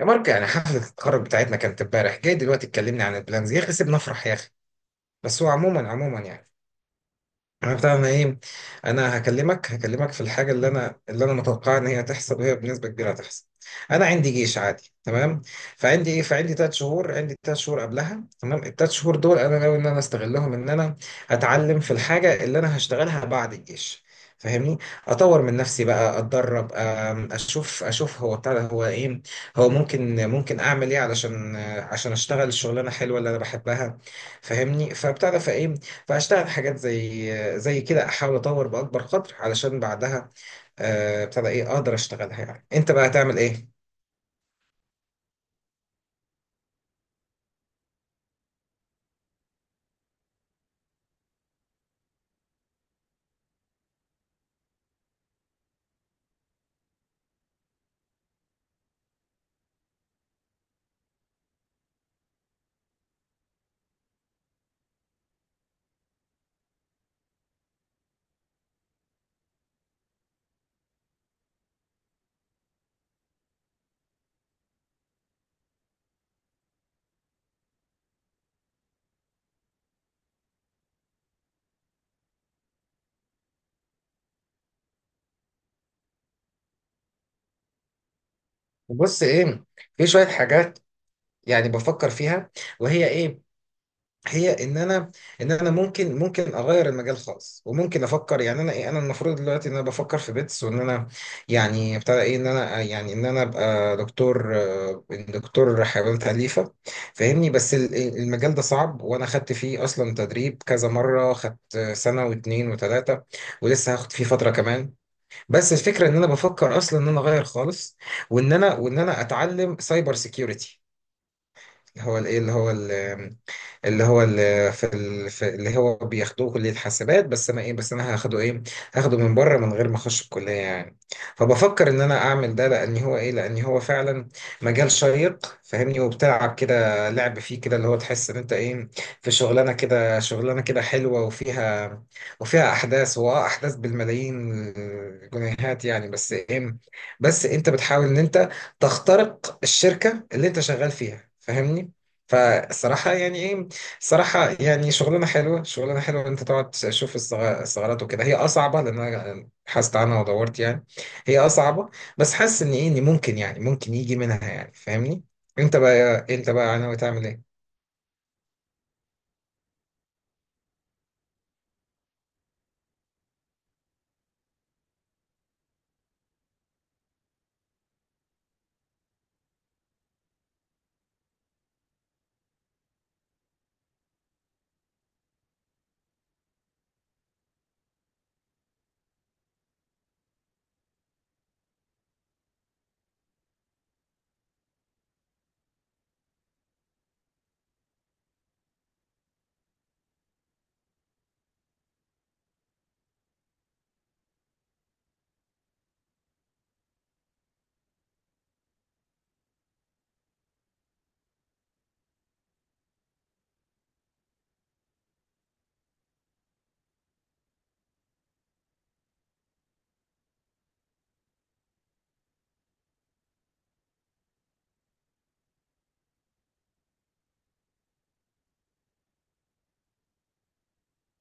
يا مارك، يعني حفلة التخرج بتاعتنا كانت امبارح، جاي دلوقتي تكلمني عن البلانز؟ يا اخي، سيبنا نفرح يا اخي. بس هو عموما، عموما، يعني عرفت انا ايه، انا هكلمك، في الحاجه اللي انا متوقعها ان هي تحصل، وهي بنسبه كبيره هتحصل. انا عندي جيش، عادي، تمام. فعندي 3 شهور، قبلها. تمام، الثلاث شهور دول انا ناوي ان انا استغلهم، ان انا اتعلم في الحاجه اللي انا هشتغلها بعد الجيش. فاهمني؟ اطور من نفسي بقى، اتدرب، اشوف، هو بتاع ده، هو ايه، هو ممكن، اعمل ايه، علشان آه، عشان اشتغل الشغلانه حلوه اللي انا بحبها. فاهمني؟ فبتاع ده فايه فاشتغل في حاجات زي كده، احاول اطور باكبر قدر علشان بعدها، ابتدى ايه اقدر اشتغلها. يعني انت بقى هتعمل ايه؟ بص، ايه، في شويه حاجات يعني بفكر فيها. وهي ايه؟ هي ان انا، ممكن، اغير المجال خالص. وممكن افكر، يعني انا ايه، انا المفروض دلوقتي ان انا بفكر في بيتس، وان انا يعني ابتدى ايه ان انا، يعني ان انا ابقى دكتور، دكتور حيوانات اليفه. فاهمني؟ بس المجال ده صعب، وانا خدت فيه اصلا تدريب كذا مره، خدت سنه واتنين وتلاته، ولسه هاخد فيه فتره كمان. بس الفكره ان انا بفكر اصلا ان انا اغير خالص، وان انا اتعلم سايبر سيكيورتي، اللي هو اللي هو، اللي في اللي هو بياخدوه كلية حاسبات. بس انا ايه، بس انا هاخده ايه، هاخده من بره، من غير ما اخش الكلية يعني. فبفكر ان انا اعمل ده، لان هو ايه، لان هو فعلا مجال شيق. فاهمني؟ وبتلعب كده لعب فيه، كده اللي هو تحس ان انت ايه، في شغلانة كده، حلوة، وفيها، احداث، احداث بالملايين، الجنيهات يعني. بس ايه، بس انت بتحاول ان انت تخترق الشركة اللي انت شغال فيها. فاهمني؟ فالصراحة يعني ايه، صراحة يعني شغلانة حلوة، إن أنت تقعد تشوف الثغرات وكده. هي أصعبة، لأن أنا بحثت عنها ودورت يعني. هي أصعبة. بس حاسس إن إيه، إن ممكن، يجي منها يعني. فاهمني؟ أنت بقى ناوي تعمل إيه؟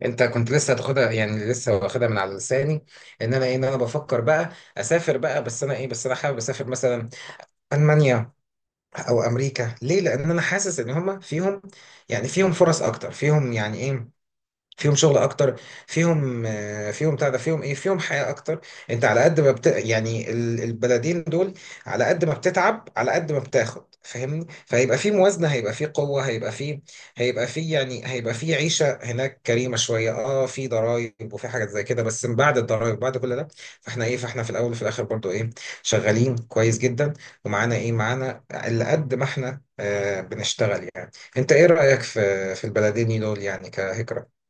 أنت كنت لسه هتاخدها، يعني لسه واخدها من على لساني، إن أنا إيه، إن أنا بفكر بقى أسافر بقى. بس أنا إيه، بس أنا حابب أسافر مثلا ألمانيا أو أمريكا. ليه؟ لأن أنا حاسس إن هما فيهم، يعني فيهم فرص أكتر، فيهم يعني إيه، فيهم شغل اكتر، فيهم، فيهم بتاع ده، فيهم ايه، فيهم حياه اكتر. انت على قد ما يعني البلدين دول، على قد ما بتتعب على قد ما بتاخد. فاهمني؟ فهيبقى في موازنه، هيبقى في قوه، هيبقى في، يعني هيبقى في عيشه هناك كريمه شويه. اه في ضرائب وفي حاجات زي كده، بس من بعد الضرائب بعد كل ده، فاحنا ايه، فاحنا في الاول وفي الاخر برضو ايه، شغالين كويس جدا. ومعانا ايه، معانا اللي قد ما احنا بنشتغل يعني. انت ايه رايك في، البلدين دول يعني كهجره؟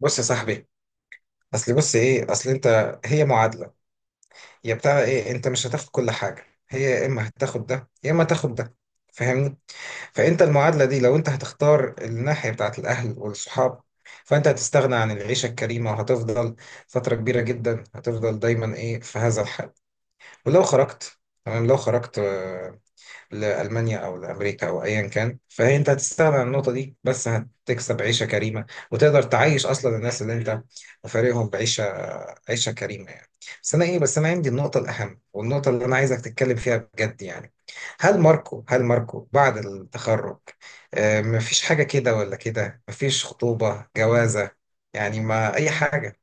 بص يا صاحبي، اصل، بص ايه، اصل انت، هي معادله. يا بتاع ايه، انت مش هتاخد كل حاجه، هي يا اما هتاخد ده، يا اما هتاخد ده. فاهمني؟ فانت المعادله دي، لو انت هتختار الناحيه بتاعت الاهل والصحاب، فانت هتستغنى عن العيشه الكريمه، وهتفضل فتره كبيره جدا، هتفضل دايما ايه، في هذا الحال. ولو خرجت، تمام، لو خرجت لألمانيا أو لأمريكا أو أيا كان، فهي أنت هتستغنى عن النقطة دي، بس هتكسب عيشة كريمة، وتقدر تعيش أصلا الناس اللي أنت فارقهم عيشة كريمة يعني. بس أنا إيه، بس أنا عندي النقطة الأهم، والنقطة اللي أنا عايزك تتكلم فيها بجد يعني. هل ماركو، بعد التخرج، مفيش حاجة كده ولا كده، مفيش خطوبة، جوازة، يعني، ما أي حاجة؟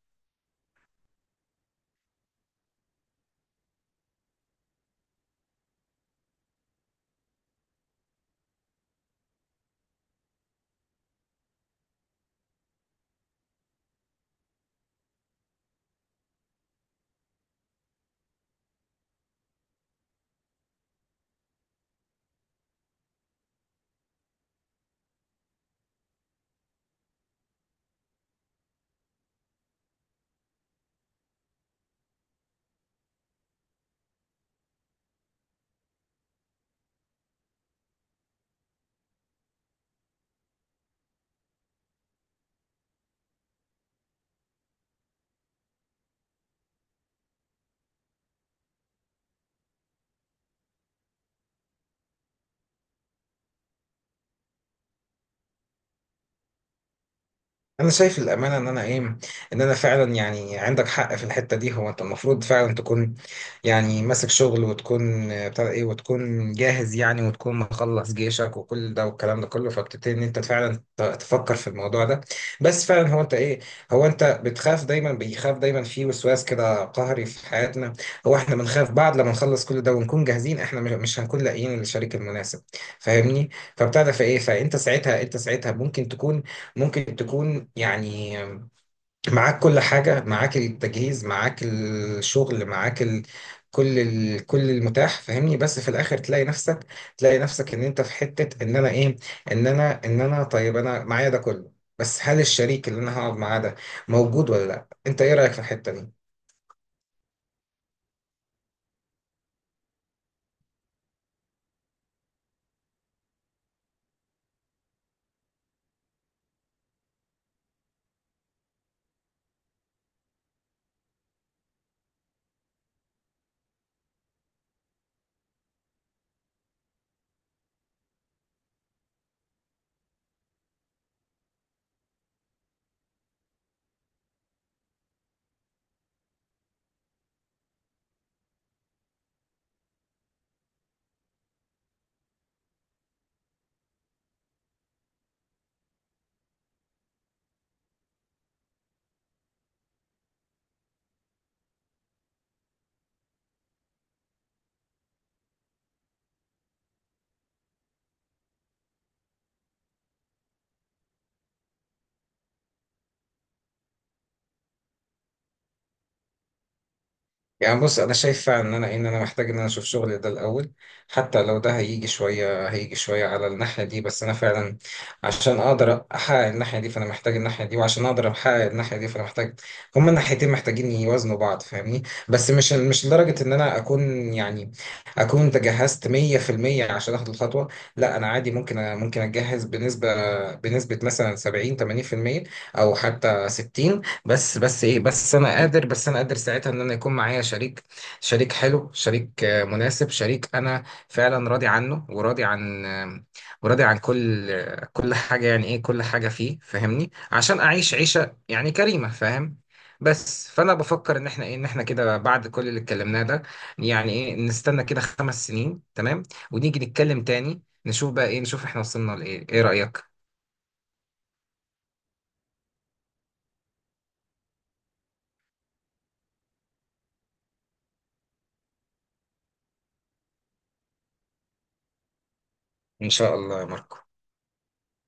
انا شايف الامانه ان انا ايه، ان انا فعلا يعني عندك حق في الحته دي. هو انت المفروض فعلا تكون، يعني ماسك شغل، وتكون، بتاع ايه، وتكون جاهز يعني، وتكون مخلص جيشك، وكل ده والكلام ده كله. فبتبتدي ان انت فعلا تفكر في الموضوع ده. بس فعلا هو انت ايه، هو انت بتخاف دايما، بيخاف دايما في وسواس كده قهري في حياتنا. هو احنا بنخاف بعد لما نخلص كل ده ونكون جاهزين، احنا مش هنكون لاقيين الشريك المناسب. فاهمني؟ فبتاع ده فايه فانت ساعتها، انت ساعتها ممكن تكون، يعني معاك كل حاجة، معاك التجهيز، معاك الشغل، معاك كل كل المتاح. فاهمني؟ بس في الاخر تلاقي نفسك، ان انت في حتة، ان انا ايه، ان انا، طيب انا معايا ده كله، بس هل الشريك اللي انا هقعد معاه ده موجود ولا لا؟ انت ايه رأيك في الحتة دي؟ يعني بص، انا شايف فعلا ان انا ان انا محتاج ان انا اشوف شغل ده الاول، حتى لو ده هيجي شويه، على الناحيه دي. بس انا فعلا، عشان اقدر احقق الناحيه دي فانا محتاج الناحيه دي، وعشان اقدر احقق الناحيه دي فانا محتاج، هما الناحيتين محتاجين يوازنوا بعض. فاهمني؟ بس مش لدرجه ان انا اكون يعني اكون تجهزت 100% عشان اخد الخطوه. لا، انا عادي، ممكن ممكن اتجهز بنسبه، مثلا 70 80%، او حتى 60. بس، بس ايه بس انا قادر، ساعتها ان انا يكون معايا شريك، شريك حلو، شريك، مناسب، شريك انا فعلا راضي عنه، وراضي عن، وراضي عن كل، كل حاجه يعني ايه، كل حاجه فيه. فاهمني؟ عشان اعيش عيشه يعني كريمه، فاهم؟ بس فانا بفكر ان احنا ايه، ان احنا كده بعد كل اللي اتكلمناه ده، يعني ايه نستنى كده 5 سنين تمام، ونيجي نتكلم تاني، نشوف بقى ايه، احنا وصلنا لايه. ايه رايك؟ ان شاء الله يا ماركو.